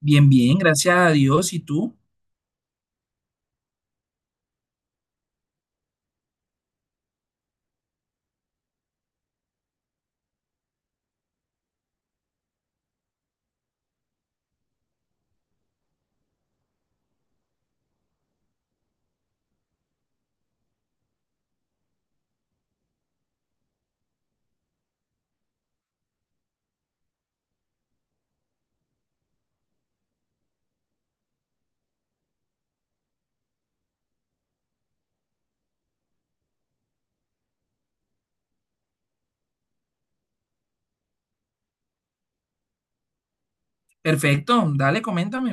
Bien, bien, gracias a Dios. ¿Y tú? Perfecto, dale, coméntame.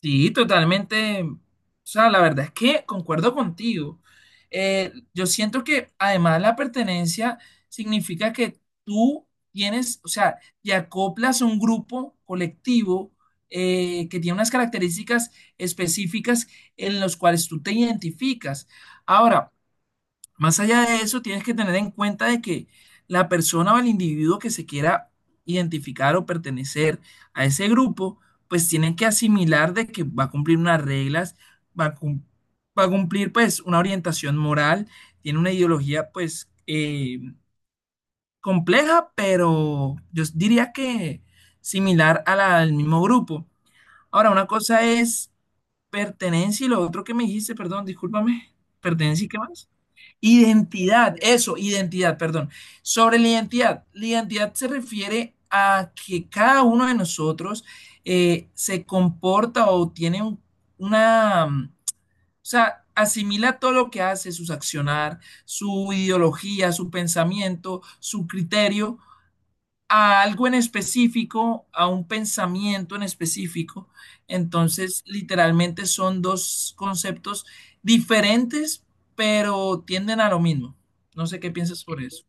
Sí, totalmente. O sea, la verdad es que concuerdo contigo. Yo siento que además la pertenencia significa que tú tienes, o sea, te acoplas a un grupo colectivo que tiene unas características específicas en los cuales tú te identificas. Ahora, más allá de eso, tienes que tener en cuenta de que la persona o el individuo que se quiera identificar o pertenecer a ese grupo, pues tienen que asimilar de que va a cumplir unas reglas, va a, cum- va a cumplir pues una orientación moral, tiene una ideología pues compleja, pero yo diría que similar a la del mismo grupo. Ahora, una cosa es pertenencia y lo otro que me dijiste, perdón, discúlpame, pertenencia y qué más. Identidad, eso, identidad, perdón. Sobre la identidad se refiere a que cada uno de nosotros se comporta o una, o sea, asimila todo lo que hace, sus accionar, su ideología, su pensamiento, su criterio a algo en específico, a un pensamiento en específico. Entonces, literalmente son dos conceptos diferentes, pero tienden a lo mismo. No sé qué piensas sobre eso.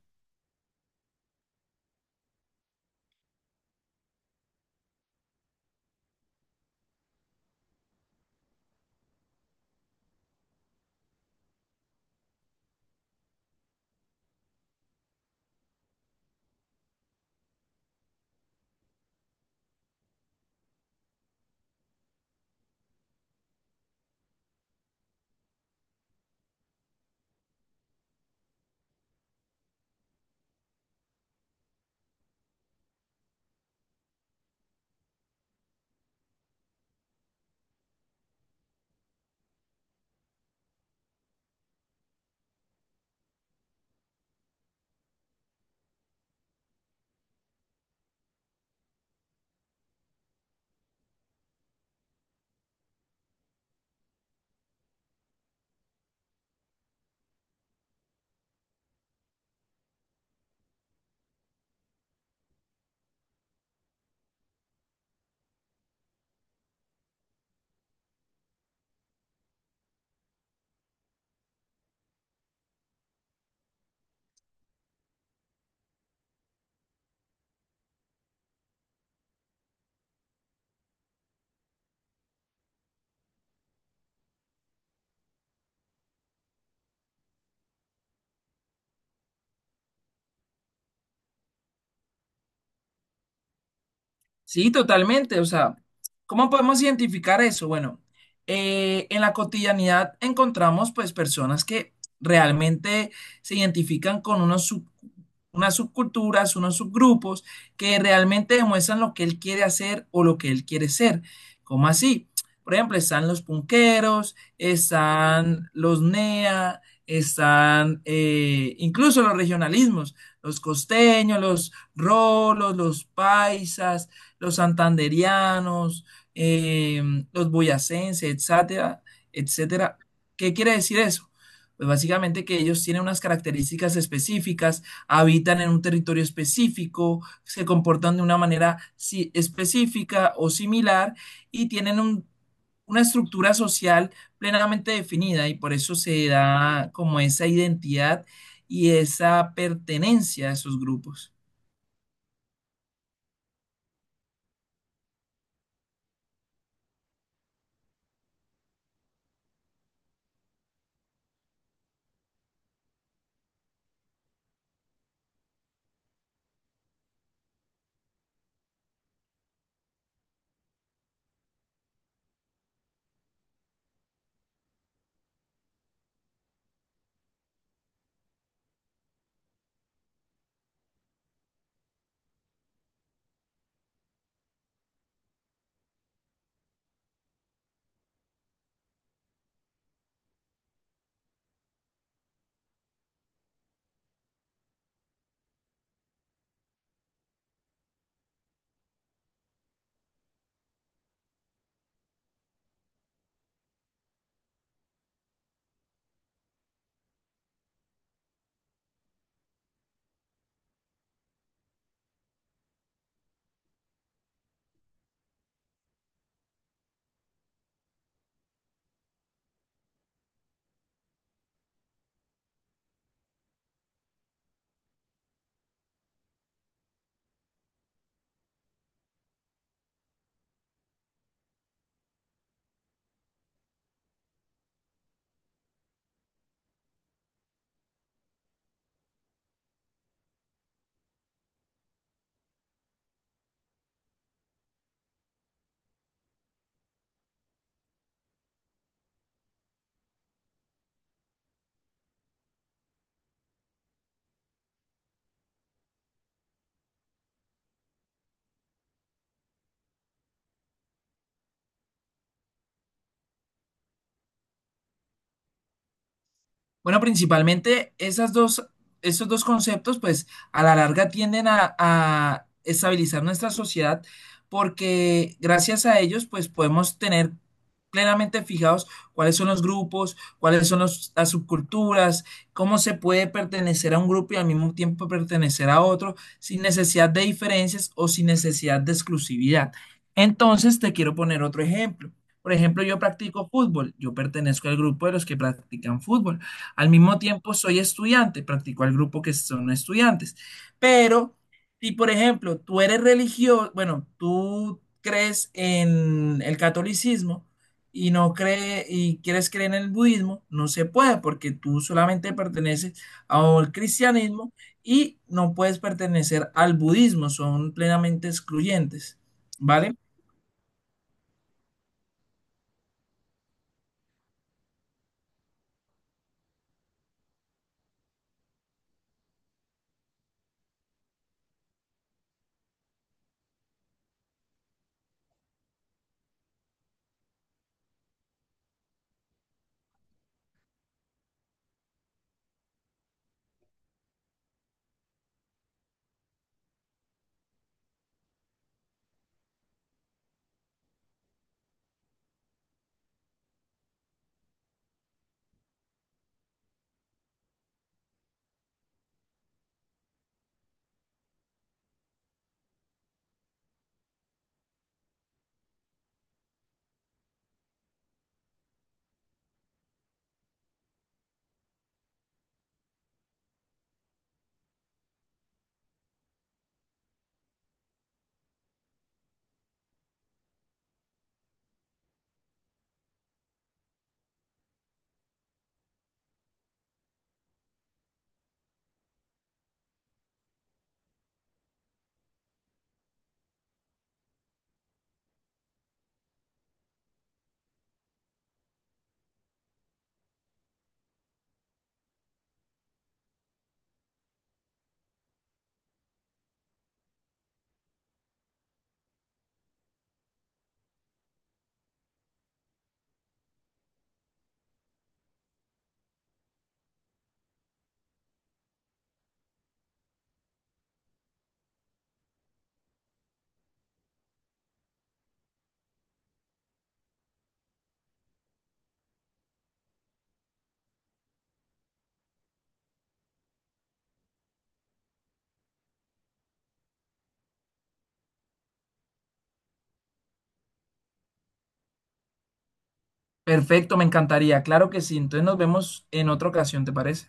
Sí, totalmente. O sea, ¿cómo podemos identificar eso? Bueno, en la cotidianidad encontramos pues personas que realmente se identifican con unas subculturas, unos subgrupos que realmente demuestran lo que él quiere hacer o lo que él quiere ser. ¿Cómo así? Por ejemplo, están los punqueros, están los NEA, están incluso los regionalismos, los costeños, los rolos, los paisas, los santanderianos, los boyacenses, etcétera, etcétera. ¿Qué quiere decir eso? Pues básicamente que ellos tienen unas características específicas, habitan en un territorio específico, se comportan de una manera específica o similar y una estructura social plenamente definida y por eso se da como esa identidad y esa pertenencia a esos grupos. Bueno, principalmente esas dos, esos dos conceptos, pues a la larga tienden a estabilizar nuestra sociedad porque gracias a ellos, pues podemos tener plenamente fijados cuáles son los grupos, cuáles son las subculturas, cómo se puede pertenecer a un grupo y al mismo tiempo pertenecer a otro sin necesidad de diferencias o sin necesidad de exclusividad. Entonces, te quiero poner otro ejemplo. Por ejemplo, yo practico fútbol, yo pertenezco al grupo de los que practican fútbol. Al mismo tiempo soy estudiante, practico al grupo que son estudiantes. Pero si, por ejemplo, tú eres religioso, bueno, tú crees en el catolicismo y no cree y quieres creer en el budismo, no se puede porque tú solamente perteneces al cristianismo y no puedes pertenecer al budismo, son plenamente excluyentes, ¿vale? Perfecto, me encantaría, claro que sí. Entonces nos vemos en otra ocasión, ¿te parece?